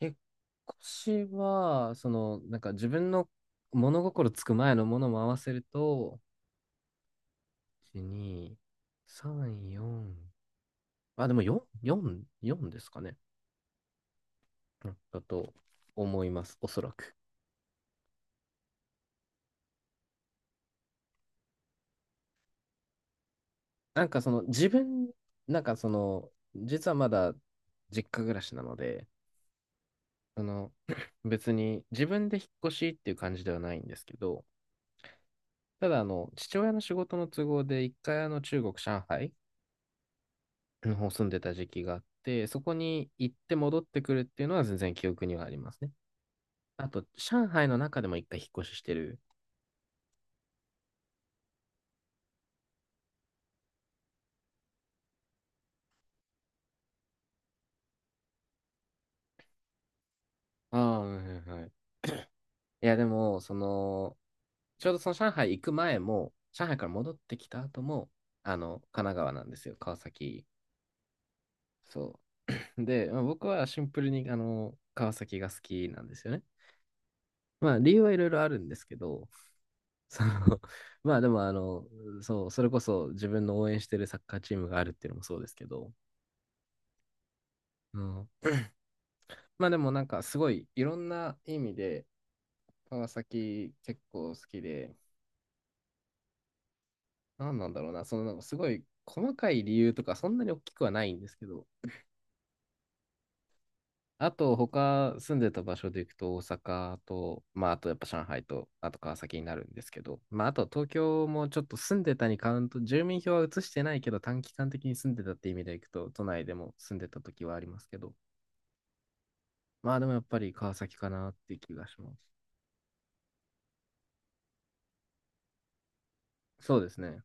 引っ越しは、自分の物心つく前のものも合わせると、1、2、3、4。あ、でも4、4、4ですかね。うんだと思います、おそらく。なんかその自分、なんかその、実はまだ実家暮らしなので、あの、別に自分で引っ越しっていう感じではないんですけど、ただ父親の仕事の都合で一回中国、上海の方住んでた時期があって、そこに行って戻ってくるっていうのは全然記憶にはありますね。あと、上海の中でも一回引っ越ししてる。ああ、はいはいはい。いや、でも、ちょうどその上海行く前も、上海から戻ってきた後も、神奈川なんですよ、川崎。そう。で、まあ僕はシンプルに、川崎が好きなんですよね。まあ、理由はいろいろあるんですけど、その、まあでも、そう、それこそ自分の応援してるサッカーチームがあるっていうのもそうですけど、うん。まあでもすごいいろんな意味で川崎結構好きで、なんなんだろうな、すごい細かい理由とかそんなに大きくはないんですけど、あと他住んでた場所で行くと大阪と、まああとやっぱ上海と、あと川崎になるんですけど、まああと東京もちょっと住んでたにカウント、住民票は移してないけど短期間的に住んでたって意味で行くと、都内でも住んでた時はありますけど、まあでもやっぱり川崎かなって気がします。そうですね。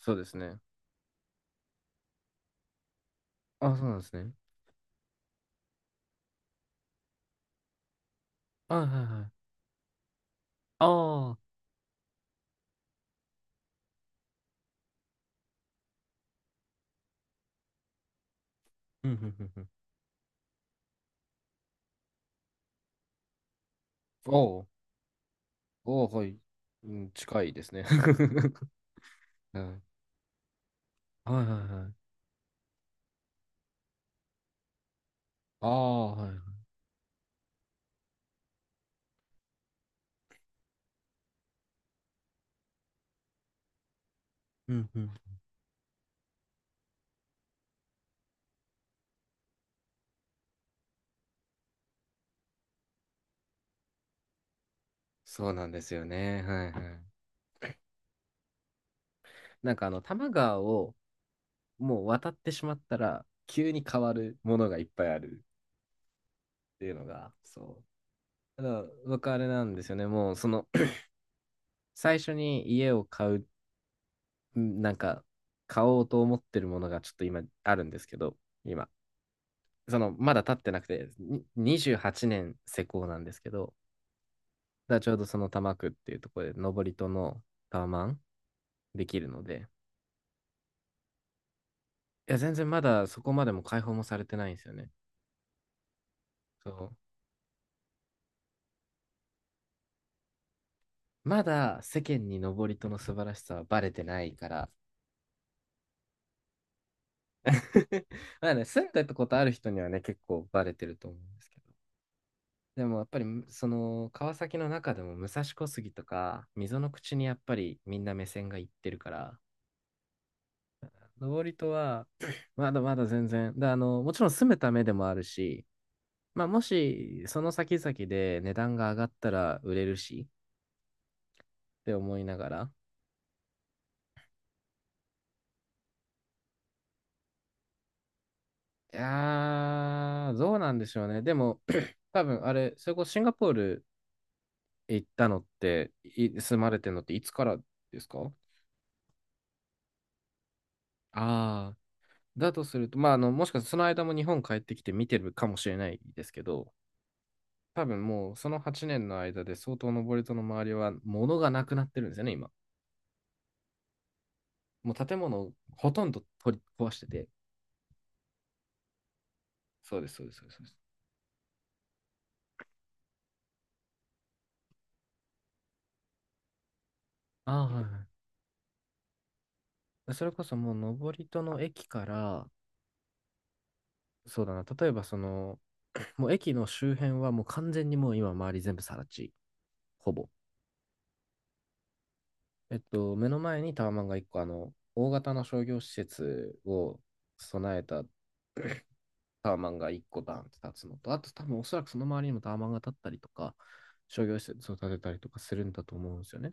そうですね。あ、そうなんですね。はいはいはい。ああ。うん、うん、うん、うん。おう、おう、はい。うん、近いですね。うん、はいはいはい。ああ、はいはい。うん、うん。そうなんですよね。はいはい。多摩川をもう渡ってしまったら、急に変わるものがいっぱいあるっていうのが、そう。ただ、僕あれなんですよね。もう、最初に家を買う、んなんか、買おうと思ってるものがちょっと今あるんですけど、今。まだ経ってなくて、に28年施工なんですけど、だちょうどその多摩区っていうところで、登戸のタワマンできるので、いや、全然まだそこまでも開放もされてないんですよね。そう。まだ世間に登戸の素晴らしさはバレてないから まあね、住んでたことある人にはね、結構バレてると思うんですけど。でもやっぱり、川崎の中でも武蔵小杉とか、溝の口にやっぱりみんな目線がいってるから、登戸は、まだまだ全然。で、もちろん住むためでもあるし、まあ、もし、その先々で値段が上がったら売れるし、って思いながら。いやー、どうなんでしょうね。でも、多分、あれ、それこそシンガポール行ったのって、住まれてるのっていつからですか？ああー、だとすると、まあ、もしかしたらその間も日本帰ってきて見てるかもしれないですけど、多分もうその8年の間で相当登戸の周りは物がなくなってるんですよね、今。もう建物をほとんど取り壊してて。そうです、そうです、そうですそうです。ああ、はいはい。それこそもう登戸の駅から、そうだな、例えばもう駅の周辺はもう完全にもう今周り全部更地、ほぼ。えっと、目の前にタワマンが1個、大型の商業施設を備えたタワマンが1個だンって立つのと、あと多分おそらくその周りにもタワマンが立ったりとか、商業施設を建てたりとかするんだと思うんですよね。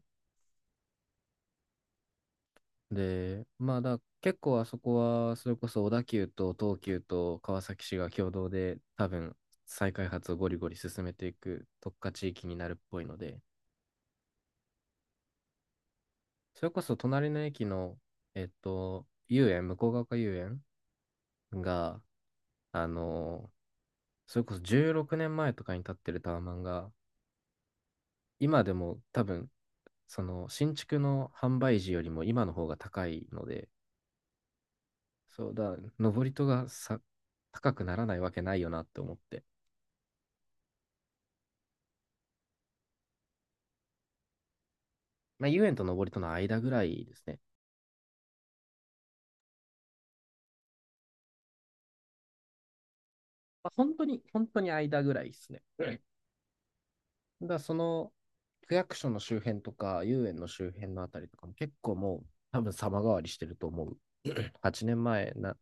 で、まあだ、結構あそこは、それこそ小田急と東急と川崎市が共同で、多分再開発をゴリゴリ進めていく特化地域になるっぽいので、それこそ隣の駅の、えっと、遊園、向ヶ丘遊園が、あのそれこそ16年前とかに建ってるタワマンが、今でも多分、その新築の販売時よりも今の方が高いので、そうだ、登り戸がさ、高くならないわけないよなって思って。まあ、遊園と登戸の間ぐらいですね。まあ、本当に、本当に間ぐらいですね。うん。だからその区役所の周辺とか、遊園の周辺のあたりとかも結構もう、多分様変わりしてると思う。8年前な、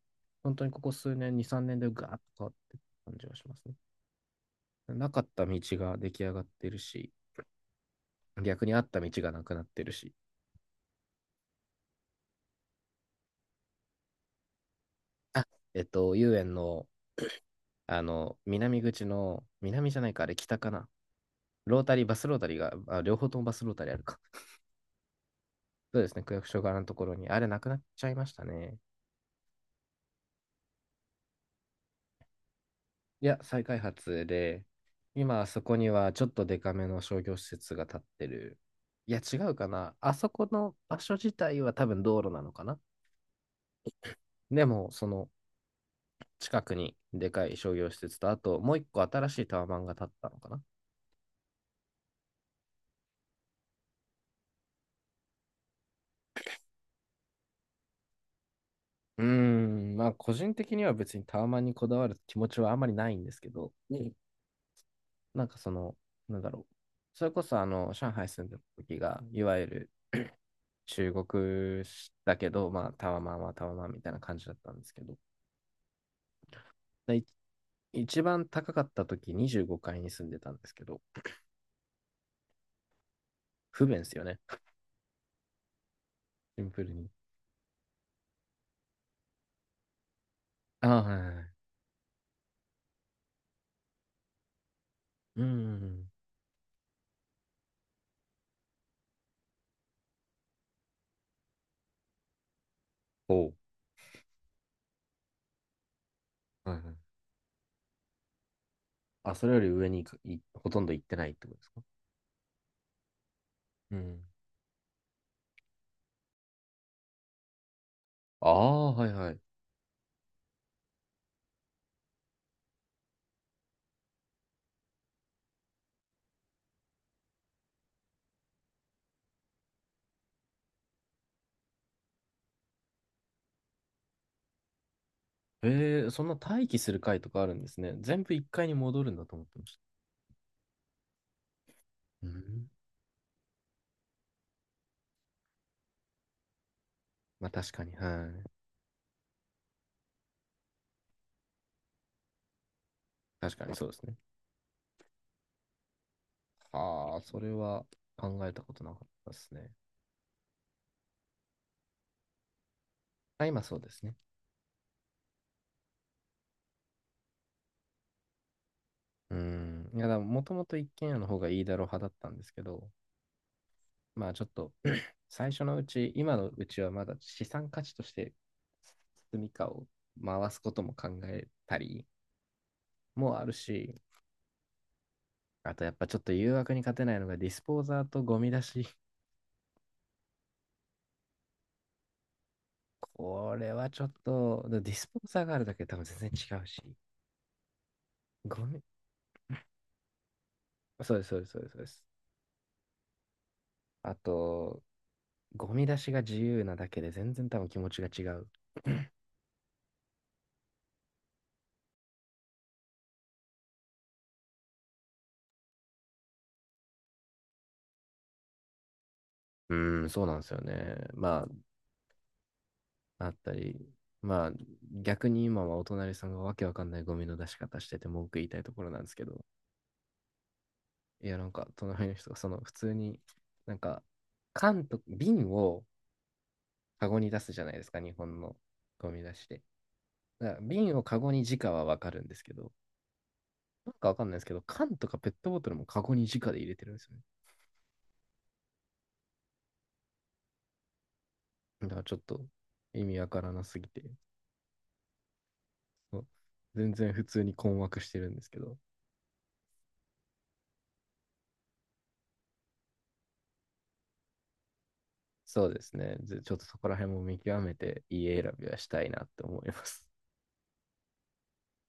本当にここ数年、2、3年でガーッと変わってる感じがしますね。なかった道が出来上がってるし、逆にあった道がなくなってるし。あ、えっと、遊園の、南口の、南じゃないか、あれ北かな。ロータリー、バスロータリーが、あ両方ともバスロータリーあるか。そうですね、区役所側のところに。あれ、なくなっちゃいましたね。いや、再開発で、今、あそこにはちょっとデカめの商業施設が建ってる。いや、違うかな。あそこの場所自体は多分道路なのかな。でも、その近くにでかい商業施設と、あともう一個新しいタワマンが建ったのかな。うーん、まあ、個人的には別にタワマンにこだわる気持ちはあまりないんですけど、うん。なんかその、なんだろう。それこそ、上海住んでる時が、いわゆる中国だけど、まあ、タワマンはタワマンみたいな感じだったんですけど、でい一番高かった時25階に住んでたんですけど、不便ですよね。シンプルに。ああ、はいはいはい。うんうんうん。おう。はいはい。あ、それより上に行くほとんど行ってないってことですか？うん。ああ、はいはい。えー、そんな待機する階とかあるんですね。全部1階に戻るんだと思ってました。うん。まあ確かに、はい。確かにそうですね。ああ、それは考えたことなかったですね。あ、今そうですね。うん。いや、だもともと一軒家の方がいいだろう派だったんですけど、まあちょっと、最初のうち、今のうちはまだ資産価値として住みかを回すことも考えたりもあるし、あとやっぱちょっと誘惑に勝てないのがディスポーザーとゴミ出し。これはちょっと、ディスポーザーがあるだけで多分全然違うし、ゴミ、そうです、そうです、そうです。そうです。あと、ゴミ出しが自由なだけで全然多分気持ちが違う。うーん、そうなんですよね。まあ、あったり、まあ、逆に今はお隣さんがわけわかんないゴミの出し方してて文句言いたいところなんですけど、いや、なんか、隣の人が、普通に、なんか、缶と、瓶をカゴに出すじゃないですか、日本のゴミ出しで。だから瓶をカゴに直はわかるんですけど、なんかわかんないですけど、缶とかペットボトルもカゴに直で入れてるんですよね。だからちょっと意味わからなすぎて、そう全然普通に困惑してるんですけど。そうですね。ずちょっとそこら辺も見極めて家選びはしたいなって思います。